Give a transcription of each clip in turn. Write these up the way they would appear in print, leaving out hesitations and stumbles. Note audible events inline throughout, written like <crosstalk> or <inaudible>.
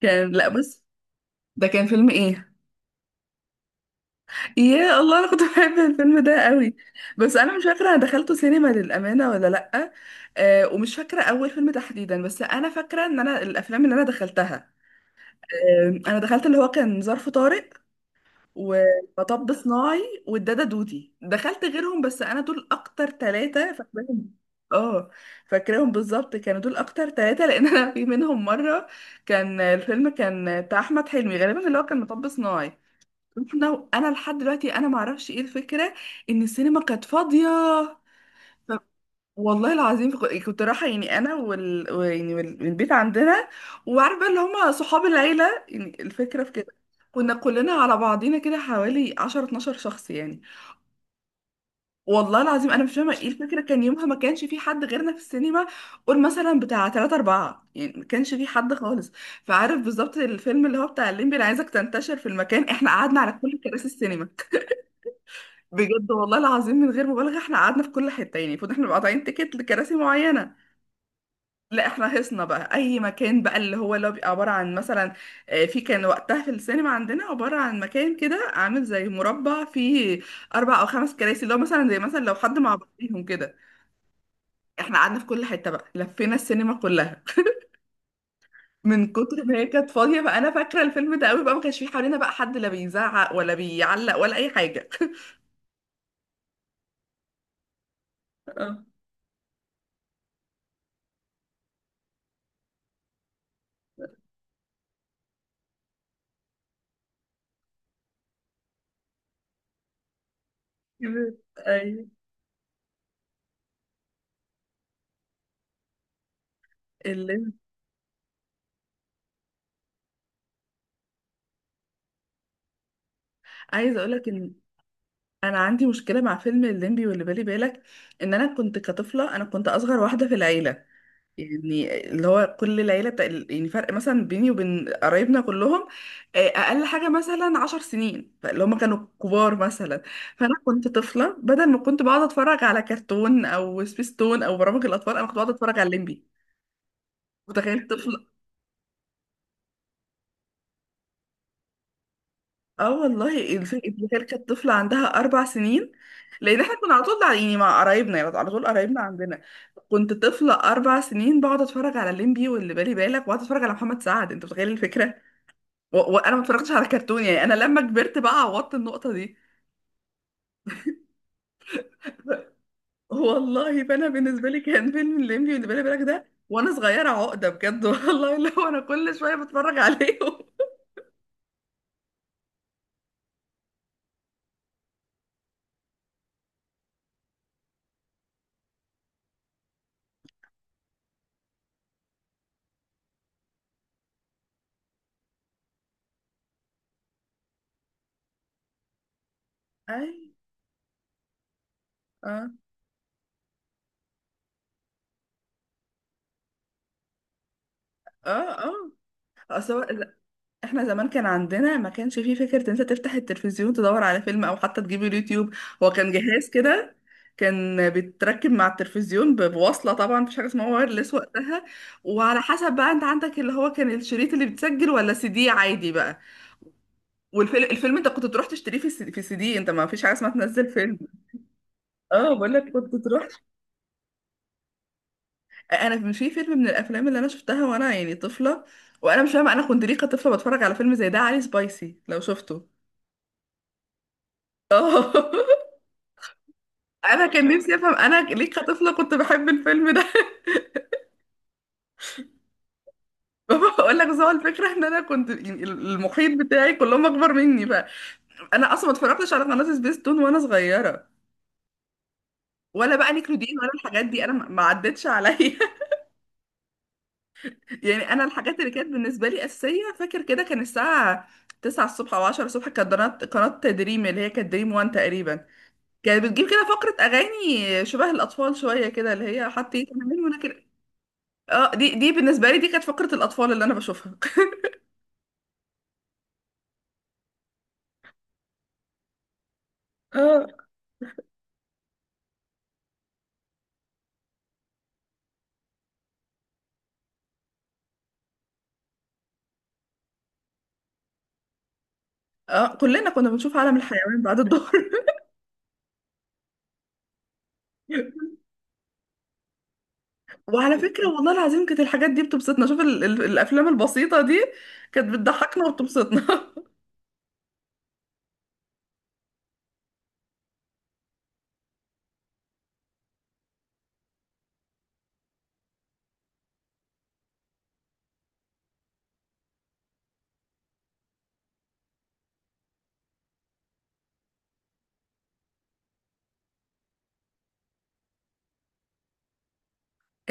كان لا بس. ده كان فيلم ايه؟ يا الله، انا كنت <laughs> بحب الفيلم ده قوي. بس انا مش فاكره انا دخلته سينما للامانه ولا لا. آه، ومش فاكره اول فيلم تحديدا، بس انا فاكره ان انا الافلام اللي انا دخلتها، آه، انا دخلت اللي هو كان ظرف طارق ومطب صناعي والدادا دودي. دخلت غيرهم بس انا دول اكتر ثلاثه فاكراهم. اه، فاكراهم بالظبط. كانوا دول اكتر ثلاثه لان انا في منهم مره كان الفيلم كان بتاع احمد حلمي غالبا، اللي هو كان مطب صناعي. لو انا لحد دلوقتي انا ما اعرفش ايه الفكره، ان السينما كانت فاضيه. ف- والله العظيم كنت رايحه يعني انا والبيت عندنا وعارفه اللي هم صحاب العيله، يعني الفكره في كده. كنا كلنا على بعضينا كده حوالي 10 12 شخص يعني. والله العظيم انا مش فاهمه ايه الفكره، كان يومها ما كانش في حد غيرنا في السينما. قول مثلا بتاع 3 4، يعني ما كانش في حد خالص. فعارف بالظبط الفيلم اللي هو بتاع الليمبي، انا عايزك تنتشر في المكان، احنا قعدنا على كل كراسي السينما. بجد والله العظيم من غير مبالغه، احنا قعدنا في كل حته. يعني المفروض احنا نبقى قاطعين تيكت لكراسي معينه، لا احنا حصنا بقى اي مكان بقى، اللي هو بيبقى عباره عن مثلا، آه، في كان وقتها في السينما عندنا عباره عن مكان كده عامل زي مربع، فيه اربع او خمس كراسي، اللي هو مثلا زي مثلا لو حد مع بعضيهم كده. احنا قعدنا في كل حته بقى، لفينا السينما كلها من كتر ما هي كانت فاضيه بقى. انا فاكره الفيلم ده قوي بقى، ما كانش فيه حوالينا بقى حد لا بيزعق ولا بيعلق ولا اي حاجه. <laughs> اه، كده. ايوه، اللي عايزه اقول لك ان انا عندي مشكله مع فيلم الليمبي واللي بالي بالك. ان انا كنت كطفله، انا كنت اصغر واحده في العيله. يعني اللي هو كل العيله بتاع، يعني فرق مثلا بيني وبين قرايبنا كلهم، آه، اقل حاجه مثلا عشر سنين، فاللي هم كانوا كبار مثلا. فانا كنت طفله بدل ما كنت بقعد اتفرج على كرتون او سبيستون او برامج الاطفال، انا كنت بقعد اتفرج على الليمبي. متخيل طفل؟ اه والله، الفكرة كانت طفلة عندها أربع سنين. لأن احنا كنا على طول يعني مع قرايبنا، يعني على طول قرايبنا عندنا. كنت طفلة أربع سنين بقعد أتفرج على الليمبي واللي بالي بالك، وأقعد أتفرج على محمد سعد. أنت متخيل الفكرة؟ وأنا ما اتفرجتش على كرتون. يعني أنا لما كبرت بقى عوضت النقطة دي. والله فأنا بالنسبة لي كان فيلم الليمبي واللي بالي بالك ده وأنا صغيرة عقدة بجد. <laughs> والله اللي هو أنا كل شوية بتفرج عليهم. أي، اه، اه، اه، اصل احنا زمان كان عندنا، ما كانش فيه فكرة ان انت تفتح التلفزيون تدور على فيلم او حتى تجيب اليوتيوب. هو كان جهاز كده كان بيتركب مع التلفزيون بوصلة، طبعا مفيش حاجة اسمها وايرلس وقتها. وعلى حسب بقى انت عندك، اللي هو كان الشريط اللي بتسجل، ولا سي دي عادي بقى. والفيلم، الفيلم انت كنت تروح تشتريه في في سي دي، انت ما فيش حاجة اسمها تنزل فيلم. اه بقول لك، كنت تروح. انا في فيلم من الافلام اللي انا شفتها وانا يعني طفلة، وانا مش فاهمة انا كنت ليه كطفلة بتفرج على فيلم زي ده، علي سبايسي لو شفته. اه <laughs> انا كان نفسي افهم انا ليه كطفله كنت بحب الفيلم ده. <laughs> بقول لك بس هو الفكره ان انا كنت يعني المحيط بتاعي كلهم اكبر مني. فانا اصلا ما اتفرجتش على قناه سبيس تون وانا صغيره، ولا بقى نيكلوديان ولا الحاجات دي، انا ما عدتش عليا. <laughs> يعني انا الحاجات اللي كانت بالنسبه لي اساسيه، فاكر كده كان الساعه 9 الصبح او 10 الصبح، كانت قناه دريم، اللي هي كانت دريم 1 تقريبا. كانت بتجيب كده فقره اغاني شبه الاطفال شويه كده، اللي هي حطيت انا من هنا كده. <laughs> اه، دي بالنسبه لي دي كانت فقره الاطفال اللي انا بشوفها. <laughs> اه، كلنا كنا بنشوف عالم الحيوان بعد الظهر. <laughs> وعلى فكرة، والله العظيم كانت الحاجات دي بتبسطنا. شوف ال الأفلام البسيطة دي كانت بتضحكنا وبتبسطنا.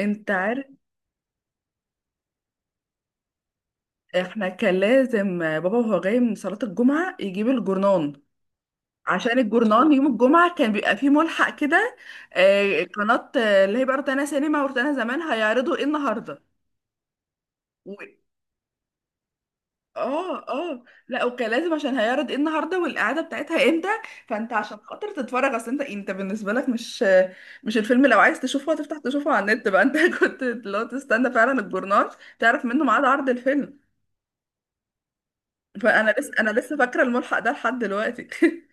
<laughs> انت عارف، احنا كان لازم بابا وهو جاي من صلاة الجمعة يجيب الجورنان. عشان الجورنان يوم الجمعة كان بيبقى فيه ملحق كده، آه، قناة، آه، اللي هي بقى روتانا سينما وروتانا زمان هيعرضوا ايه النهاردة. اه، اه، لا اوكي لازم، عشان هيعرض ايه النهارده، والاعاده بتاعتها امتى. فانت عشان خاطر تتفرج، اصل انت بالنسبه لك مش، الفيلم لو عايز تشوفه هتفتح تشوفه على النت بقى انت. <laughs> كنت لو تستنى فعلا الجورنال، تعرف منه ميعاد عرض الفيلم. فانا لسه، انا لسه فاكره الملحق ده لحد دلوقتي. <laughs>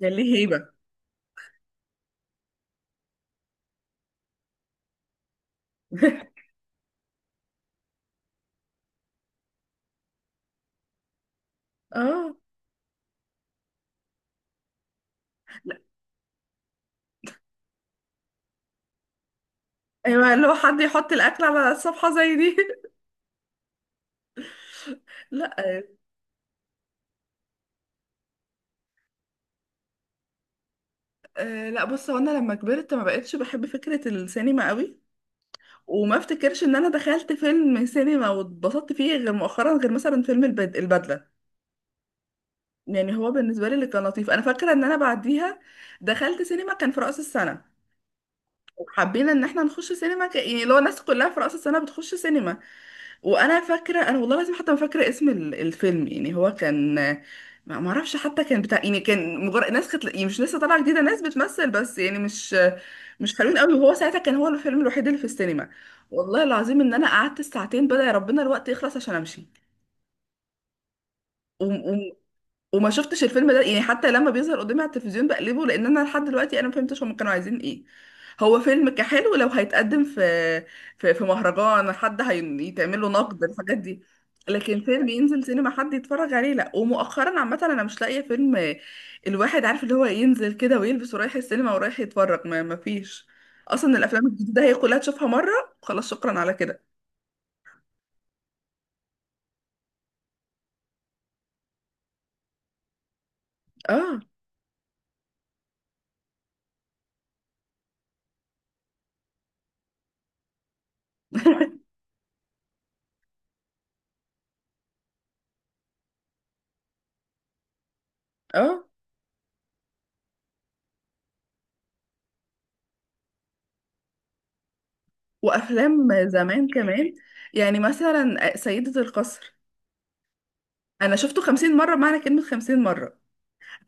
ده ليه هيبه. <laughs> اه، لا، ايوه، اللي هو حد يحط الاكل على الصفحه زي دي. <laughs> لا، آه، آه، لا بص، هو انا لما كبرت ما بقتش بحب فكره السينما قوي. وما افتكرش ان انا دخلت فيلم سينما واتبسطت فيه غير مؤخرا، غير مثلا فيلم البدلة. يعني هو بالنسبة لي اللي كان لطيف، انا فاكرة ان انا بعديها دخلت سينما كان في رأس السنة، وحبينا ان احنا نخش سينما، يعني لو الناس كلها في رأس السنة بتخش سينما. وانا فاكره، انا والله لازم حتى فاكره اسم الفيلم. يعني هو كان، ما اعرفش، حتى كان بتاع، يعني كان مجرد ناس كانت يعني مش لسه طالعه جديده، ناس بتمثل بس يعني مش، حلوين قوي، وهو ساعتها كان هو الفيلم الوحيد اللي في السينما. والله العظيم ان انا قعدت الساعتين بدأ يا ربنا الوقت يخلص عشان امشي. وما شفتش الفيلم ده، يعني حتى لما بيظهر قدامي على التلفزيون بقلبه، لان انا لحد دلوقتي انا ما فهمتش هم كانوا عايزين ايه. هو فيلم كحلو لو هيتقدم في، في مهرجان حد هيتعمل له نقد الحاجات دي. لكن فيلم ينزل سينما حد يتفرج عليه لا، ومؤخرا عامه انا مش لاقيه فيلم الواحد عارف اللي هو ينزل كده ويلبس ورايح السينما ورايح يتفرج، ما فيش. اصلا الافلام الجديده هي كلها تشوفها مره، خلاص شكرا على كده. اه <laughs> اه، وافلام زمان كمان، يعني مثلا، آه، سيدة القصر، انا شفته خمسين مرة. معنى كلمة خمسين مرة،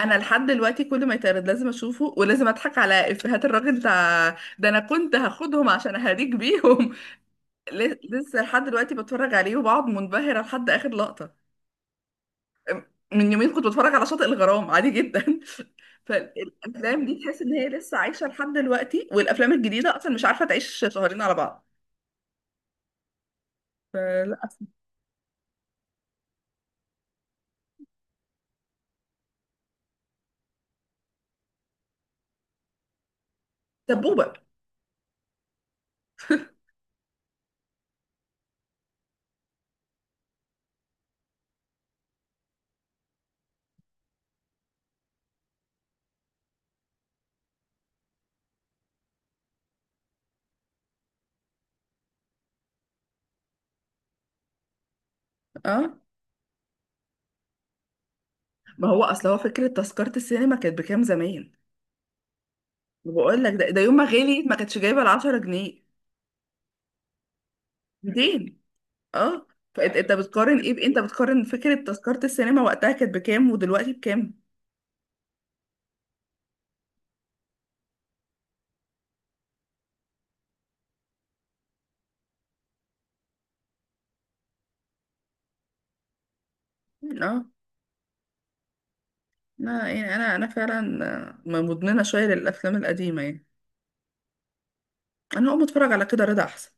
انا لحد دلوقتي كل ما يتعرض لازم اشوفه ولازم اضحك على افيهات الراجل بتاع ده. انا كنت هاخدهم عشان اهديك بيهم. <laughs> لسه لحد دلوقتي بتفرج عليه وبقعد منبهرة لحد اخر لقطة. من يومين كنت بتفرج على شاطئ الغرام عادي جدا. <laughs> فالافلام دي تحس ان هي لسه عايشة لحد دلوقتي، والافلام الجديدة اصلا مش عارفة تعيش شهرين على بعض. فلا، سبوبة. اه، ما هو اصل هو فكره تذكره السينما كانت بكام زمان. بقول لك ده، يوم ما غليت ما كانتش جايبه ال 10 جنيه. 200. اه. فانت، بتقارن ايه انت بتقارن فكره تذكره السينما وقتها كانت بكام ودلوقتي بكام. اه، لا يعني انا، فعلا، آه، مدمنه شويه للافلام القديمه يعني. انا اقوم اتفرج على كده رضا احسن.